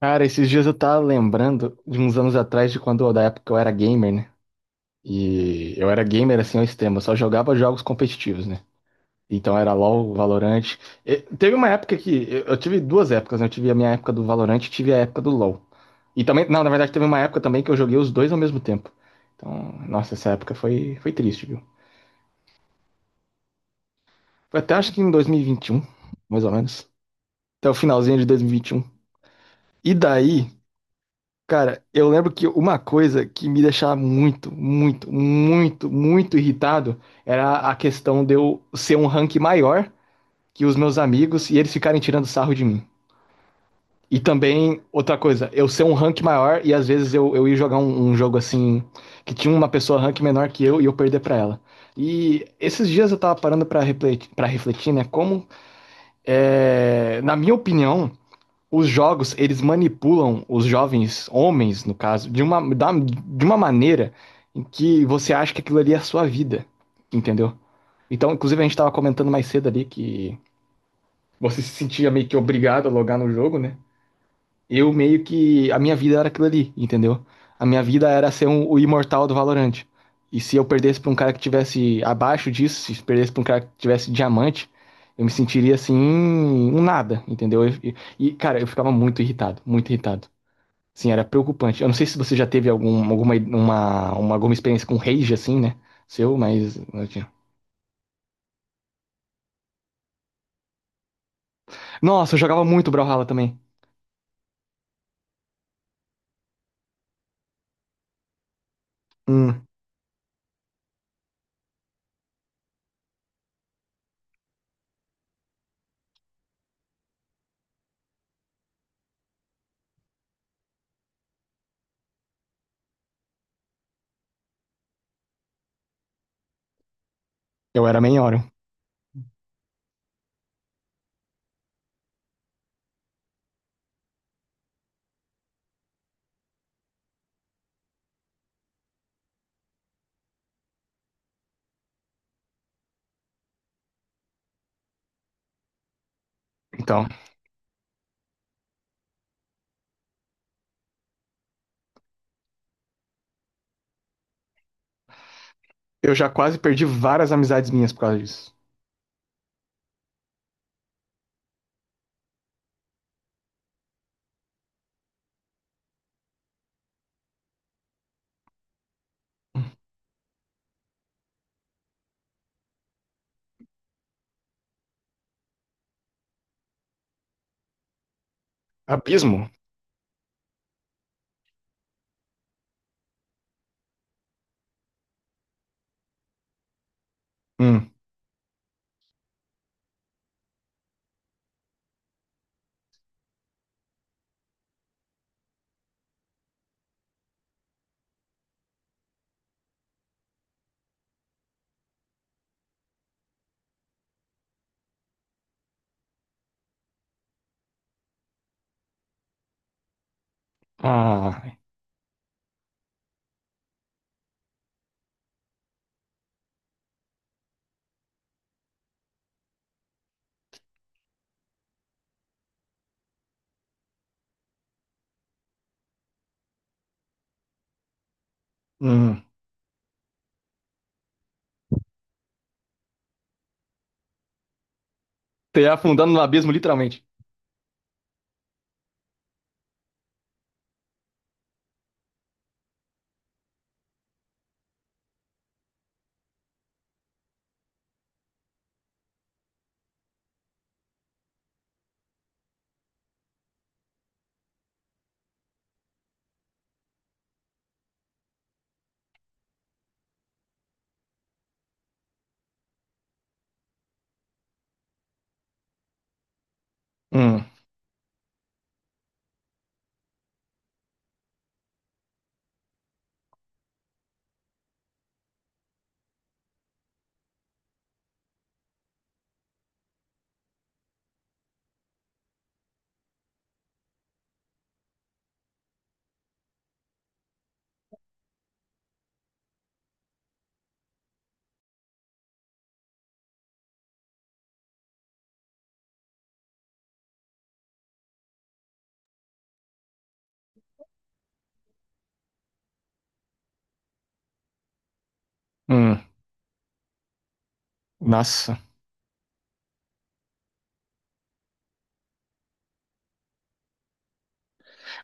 Cara, esses dias eu tava lembrando de uns anos atrás de quando, da época que eu era gamer, né? E eu era gamer assim ao extremo, eu só jogava jogos competitivos, né? Então era LoL, Valorant. E teve uma época que eu tive duas épocas, né? Eu tive a minha época do Valorant e tive a época do LoL. E também, não, na verdade teve uma época também que eu joguei os dois ao mesmo tempo. Então, nossa, essa época foi triste, viu? Foi até acho que em 2021, mais ou menos. Até o finalzinho de 2021. E vinte e um. E daí. Cara, eu lembro que uma coisa que me deixava muito, muito, muito, muito irritado era a questão de eu ser um rank maior que os meus amigos e eles ficarem tirando sarro de mim. E também, outra coisa, eu ser um rank maior e às vezes eu ia jogar um jogo assim, que tinha uma pessoa rank menor que eu e eu perder pra ela. E esses dias eu tava parando pra refletir, né? Como, na minha opinião, os jogos, eles manipulam os jovens homens, no caso, de uma maneira em que você acha que aquilo ali é a sua vida, entendeu? Então, inclusive, a gente tava comentando mais cedo ali que você se sentia meio que obrigado a logar no jogo, né? Eu meio que. A minha vida era aquilo ali, entendeu? A minha vida era ser o imortal do Valorant. E se eu perdesse pra um cara que tivesse abaixo disso, se perdesse pra um cara que tivesse diamante, eu me sentiria assim, um nada, entendeu? E, cara, eu ficava muito irritado, muito irritado. Assim, era preocupante. Eu não sei se você já teve alguma experiência com rage, assim, né? Seu, mas eu tinha. Nossa, eu jogava muito Brawlhalla também. Hum. Eu era main Orion. Então, eu já quase perdi várias amizades minhas por causa disso. Abismo? Hum. Ah. Hum. Teria afundando no abismo, literalmente. Hum. Hum. Nossa.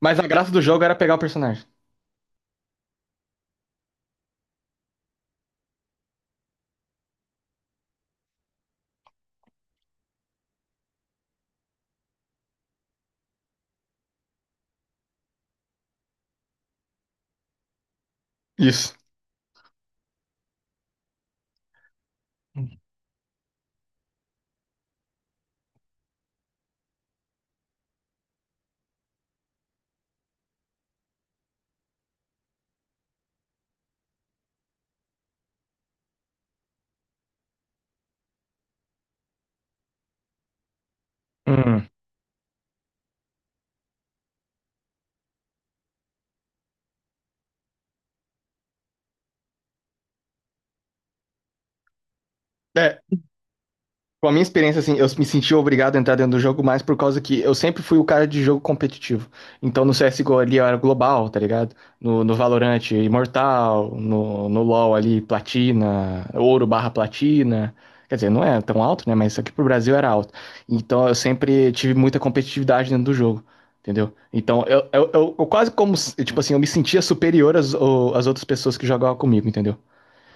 Mas a graça do jogo era pegar o personagem. Isso. Hum. É, com a minha experiência, assim, eu me senti obrigado a entrar dentro do jogo mais por causa que eu sempre fui o cara de jogo competitivo. Então no CSGO ali eu era global, tá ligado? No Valorant, Imortal, no LoL ali, Platina, Ouro barra Platina. Quer dizer, não é tão alto, né? Mas aqui pro Brasil era alto. Então eu sempre tive muita competitividade dentro do jogo, entendeu? Então eu quase como, tipo assim, eu me sentia superior às outras pessoas que jogavam comigo, entendeu?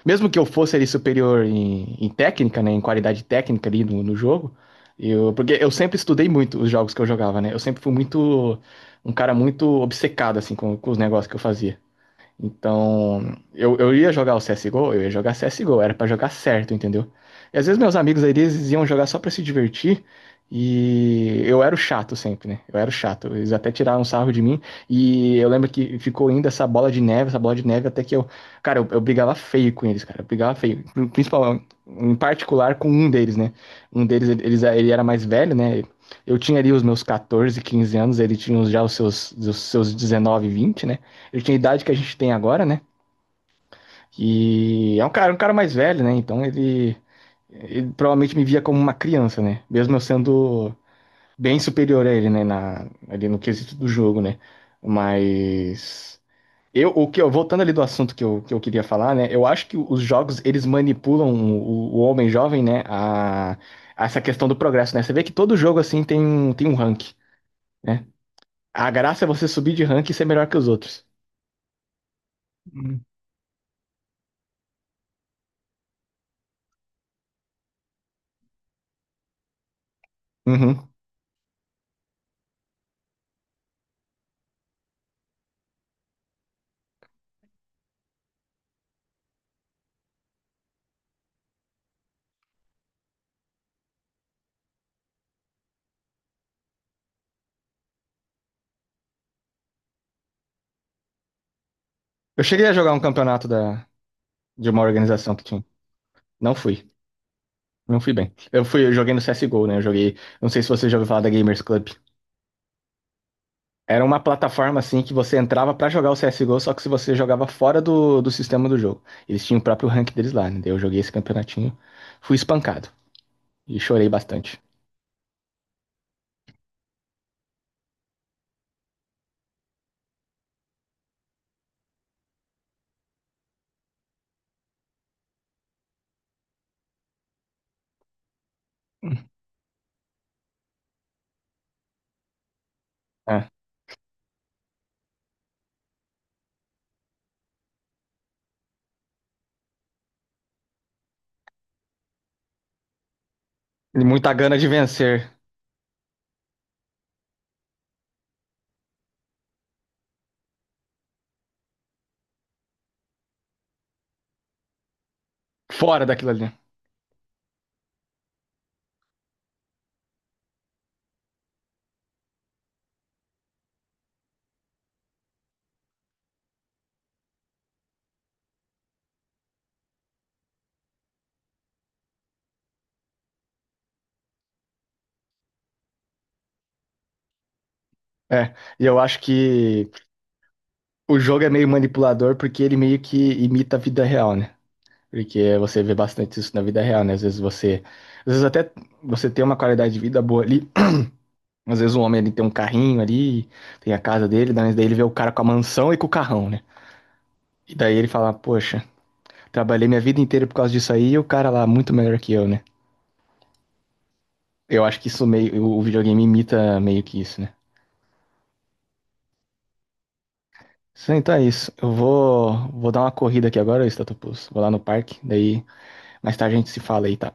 Mesmo que eu fosse ali superior em técnica, né? Em qualidade técnica ali no jogo. Eu, porque eu sempre estudei muito os jogos que eu jogava, né? Eu sempre fui muito. Um cara muito obcecado, assim, com os negócios que eu fazia. Então, eu ia jogar o C S CSGO, eu ia jogar C S CSGO, era pra jogar certo, entendeu? E às vezes meus amigos aí, eles iam jogar só pra se divertir, e eu era o chato sempre, né? Eu era o chato, eles até tiraram um sarro de mim, e eu lembro que ficou ainda essa bola de neve, essa bola de neve, até que eu, cara, eu brigava feio com eles, cara, eu brigava feio, principalmente, em particular com um deles, né? Um deles, ele era mais velho, né? Eu tinha ali os meus 14, 15 anos, ele tinha já os seus 19, 20, né? Ele tinha a idade que a gente tem agora, né? E é um cara mais velho, né? Então ele provavelmente me via como uma criança, né? Mesmo eu sendo bem superior a ele, né? Na, ali no quesito do jogo, né? Mas o que eu voltando ali do assunto que eu queria falar, né? Eu acho que os jogos, eles manipulam o homem jovem, né? A essa questão do progresso, né? Você vê que todo jogo assim tem um rank, né? A graça é você subir de rank e ser melhor que os outros. Hum. Uhum. Eu cheguei a jogar um campeonato da, de uma organização que tinha. Não fui. Não fui bem. Eu fui, eu joguei no CSGO, né? Eu joguei. Não sei se você já ouviu falar da Gamers Club. Era uma plataforma assim que você entrava pra jogar o CSGO, só que se você jogava fora do sistema do jogo. Eles tinham o próprio rank deles lá, né? Daí eu joguei esse campeonatinho, fui espancado e chorei bastante. É. E muita gana de vencer fora daquilo ali. É, e eu acho que o jogo é meio manipulador porque ele meio que imita a vida real, né? Porque você vê bastante isso na vida real, né? Às vezes você. Às vezes até você tem uma qualidade de vida boa ali. Às vezes um homem, ele tem um carrinho ali, tem a casa dele, daí ele vê o cara com a mansão e com o carrão, né? E daí ele fala, poxa, trabalhei minha vida inteira por causa disso aí e o cara lá é muito melhor que eu, né? Eu acho que isso meio. O videogame imita meio que isso, né? Sim, então é isso. Eu vou dar uma corrida aqui agora, Statopus. Vou lá no parque, daí mais tarde a gente se fala aí, tá?